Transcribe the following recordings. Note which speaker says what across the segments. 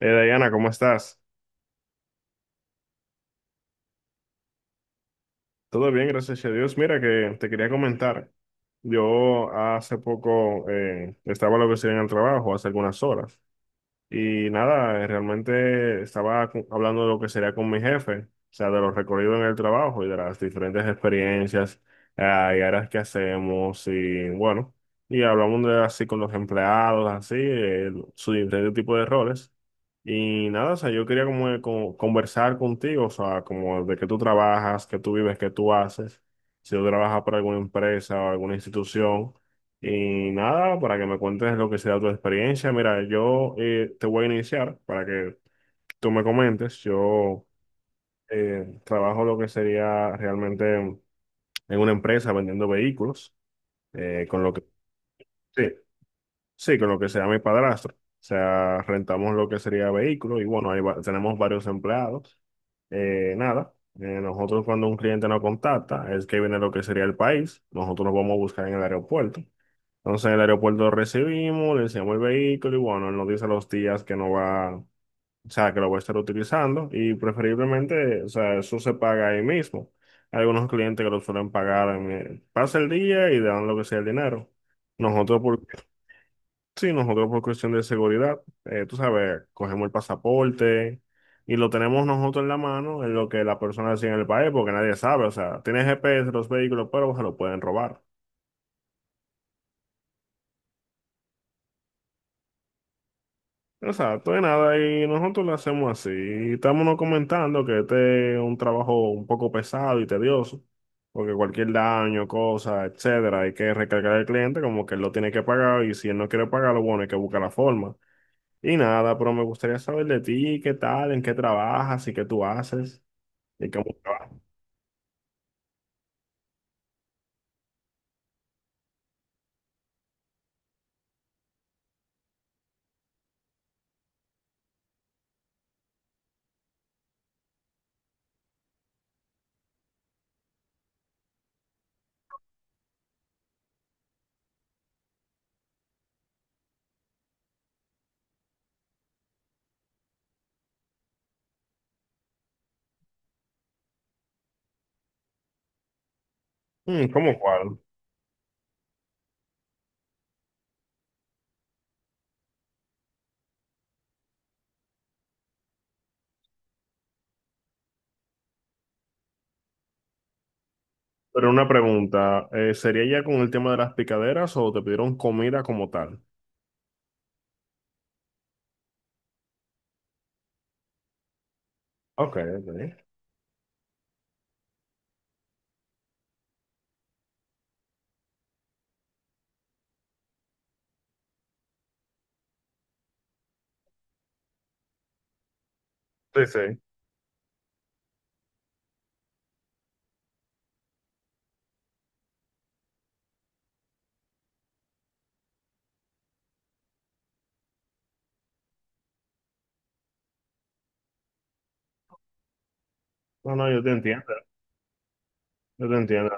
Speaker 1: Diana, ¿cómo estás? Todo bien, gracias a Dios. Mira que te quería comentar. Yo hace poco estaba lo que sería en el trabajo, hace algunas horas. Y nada, realmente estaba hablando de lo que sería con mi jefe, o sea, de los recorridos en el trabajo y de las diferentes experiencias y áreas que hacemos y bueno, y hablamos de así con los empleados, así, su diferente tipo de roles. Y nada, o sea, yo quería como, como conversar contigo, o sea, como de qué tú trabajas, qué tú vives, qué tú haces, si tú trabajas para alguna empresa o alguna institución. Y nada, para que me cuentes lo que sea tu experiencia. Mira, yo te voy a iniciar para que tú me comentes. Yo trabajo lo que sería realmente en una empresa vendiendo vehículos, con lo que, sí, sí, con lo que sea mi padrastro. O sea, rentamos lo que sería vehículos y bueno, tenemos varios empleados. Nada, Nosotros cuando un cliente nos contacta, es que viene lo que sería el país, nosotros nos vamos a buscar en el aeropuerto. Entonces en el aeropuerto lo recibimos, le enseñamos el vehículo y bueno, él nos dice los días que no va, o sea, que lo va a estar utilizando y preferiblemente, o sea, eso se paga ahí mismo. Hay algunos clientes que lo suelen pagar pasa el día y dan lo que sea el dinero. Nosotros por, sí, Nosotros por cuestión de seguridad, tú sabes, cogemos el pasaporte y lo tenemos nosotros en la mano en lo que la persona decía en el país porque nadie sabe, o sea, tiene GPS los vehículos, pero se lo pueden robar. Exacto, de nada, y nosotros lo hacemos así. Estamos no comentando que este es un trabajo un poco pesado y tedioso, porque cualquier daño, cosa, etcétera, hay que recargar al cliente como que él lo tiene que pagar y si él no quiere pagarlo, bueno, hay que buscar la forma. Y nada, pero me gustaría saber de ti, qué tal, en qué trabajas y qué tú haces y cómo trabajas. Mm, ¿cómo cuál? Pero una pregunta, ¿sería ya con el tema de las picaderas o te pidieron comida como tal? Ok, ok. Sí, sí. No, no, yo te entiendo. Yo te entiendo.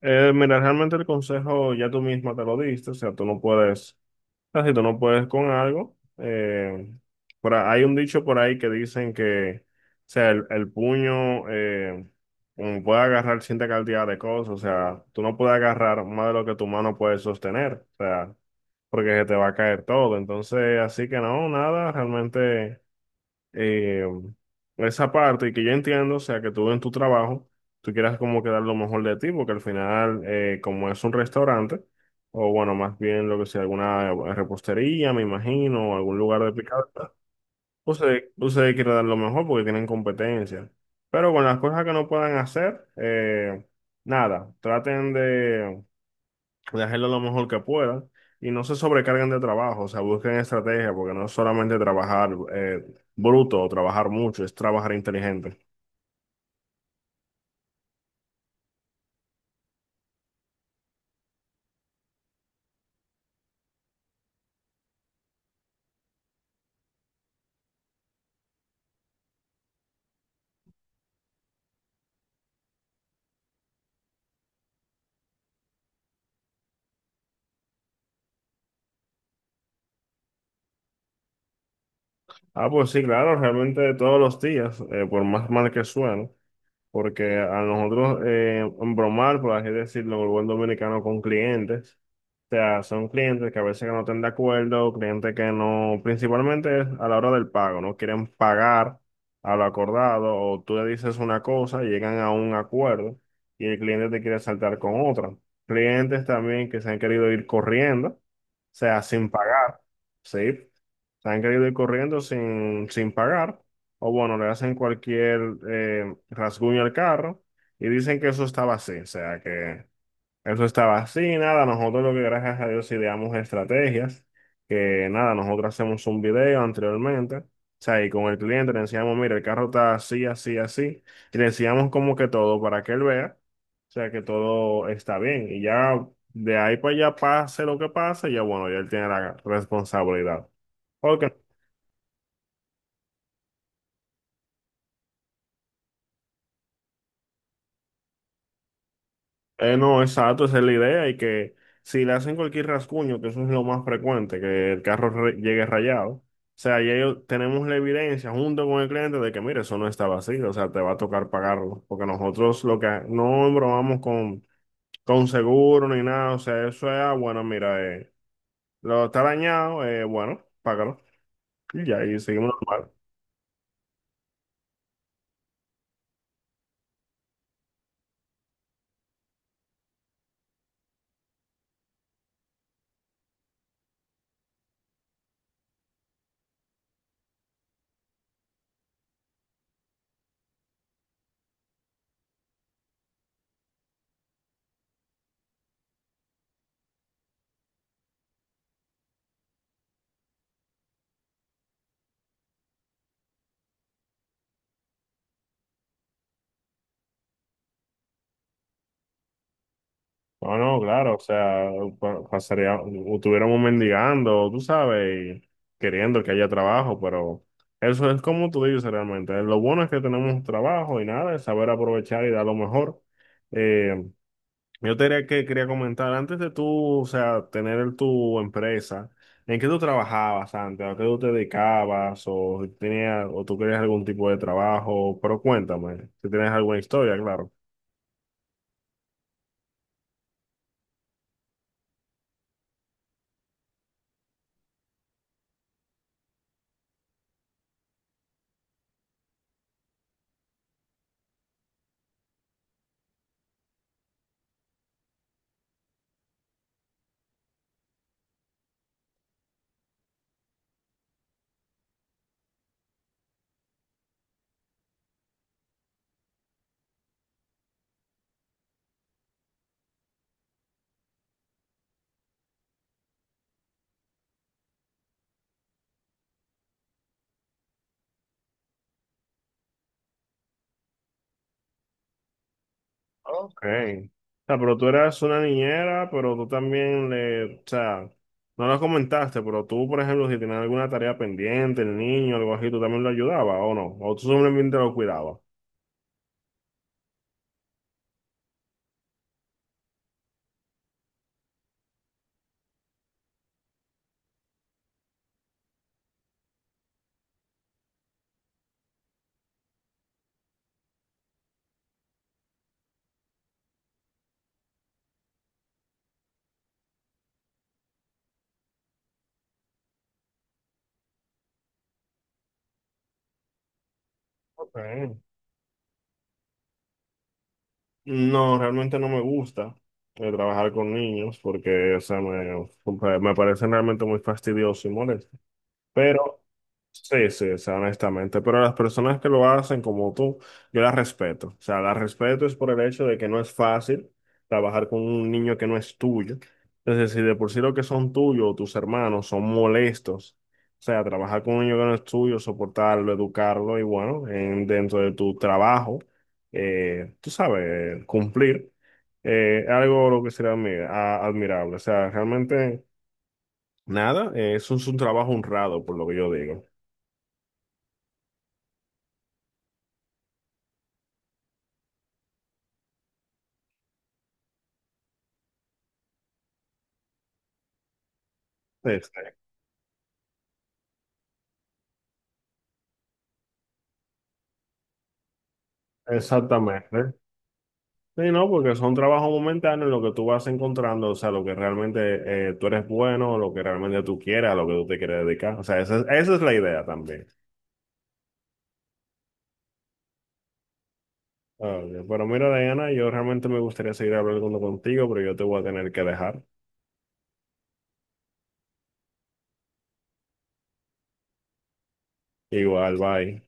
Speaker 1: Mira, realmente el consejo ya tú misma te lo diste, o sea, tú no puedes, o sea, si tú no puedes con algo, hay un dicho por ahí que dicen que, o sea, el puño puede agarrar cierta cantidad de cosas, o sea, tú no puedes agarrar más de lo que tu mano puede sostener, o sea, porque se te va a caer todo, entonces, así que no, nada, realmente eh, esa parte y que yo entiendo, o sea, que tú en tu trabajo, tú quieras como que dar lo mejor de ti, porque al final, como es un restaurante, o bueno, más bien lo que sea, alguna repostería, me imagino, o algún lugar de picada, ustedes quieren dar lo mejor porque tienen competencia. Pero con las cosas que no puedan hacer, nada, traten de hacerlo lo mejor que puedan y no se sobrecarguen de trabajo, o sea, busquen estrategia, porque no es solamente trabajar bruto o trabajar mucho, es trabajar inteligente. Ah, pues sí, claro, realmente todos los días, por más mal que suene, porque a nosotros embromar, por así decirlo, el buen dominicano con clientes, o sea, son clientes que a veces que no están de acuerdo, clientes que no, principalmente es a la hora del pago, no quieren pagar a lo acordado, o tú le dices una cosa, llegan a un acuerdo y el cliente te quiere saltar con otra. Clientes también que se han querido ir corriendo, o sea, sin pagar, ¿sí? Se han querido ir corriendo sin pagar o bueno, le hacen cualquier rasguño al carro y dicen que eso estaba así, o sea, que eso estaba así, nada, nosotros lo que gracias a Dios ideamos estrategias, que nada, nosotros hacemos un video anteriormente, o sea, y con el cliente le enseñamos, mira, el carro está así, así, así, y le enseñamos como que todo para que él vea, o sea, que todo está bien, y ya de ahí para allá pase lo que pase, ya bueno, ya él tiene la responsabilidad. Porque no, exacto, esa es la idea y que si le hacen cualquier rasguño, que eso es lo más frecuente, que el llegue rayado, o sea, tenemos la evidencia junto con el cliente de que, mire, eso no estaba así, o sea, te va a tocar pagarlo, porque nosotros lo que no bromamos con seguro ni nada, o sea, eso es, ah, bueno, mira, lo está dañado, bueno, págalo, y ya, y seguimos normal. No, no, claro, o sea, pasaría, o estuviéramos mendigando, tú sabes, y queriendo que haya trabajo, pero eso es como tú dices realmente. Lo bueno es que tenemos trabajo y nada, es saber aprovechar y dar lo mejor. Eh, yo te diría que quería comentar, antes de tú, o sea, tener tu empresa, ¿en qué tú trabajabas antes? ¿A qué tú te dedicabas? ¿O tenías, o tú querías algún tipo de trabajo? Pero cuéntame, si tienes alguna historia, claro. Ok. O sea, pero tú eras una niñera, pero tú también le, o sea, no lo comentaste, pero tú, por ejemplo, si tenías alguna tarea pendiente, el niño, algo así, tú también lo ayudabas, ¿o no? O tú simplemente lo cuidabas. Okay, no, realmente no me gusta trabajar con niños porque, o sea, me parecen realmente muy fastidiosos y molestos. Pero sí, sí, o sea, honestamente, pero las personas que lo hacen como tú, yo las respeto. O sea, las respeto es por el hecho de que no es fácil trabajar con un niño que no es tuyo. Entonces, si de por sí lo que son tuyos o tus hermanos son molestos, o sea, trabajar con un niño que no es tuyo, soportarlo, educarlo y bueno, dentro de tu trabajo, tú sabes, cumplir, algo lo que será admirable. O sea, realmente... Nada, eso es un trabajo honrado, por lo que yo digo. Este, exactamente. Sí, no, porque son trabajos momentáneos lo que tú vas encontrando, o sea, lo que realmente tú eres bueno, lo que realmente tú quieres, a lo que tú te quieres dedicar. O sea, esa es la idea también. Ah, ok. Pero mira, Diana, yo realmente me gustaría seguir hablando contigo, pero yo te voy a tener que dejar. Igual, bye.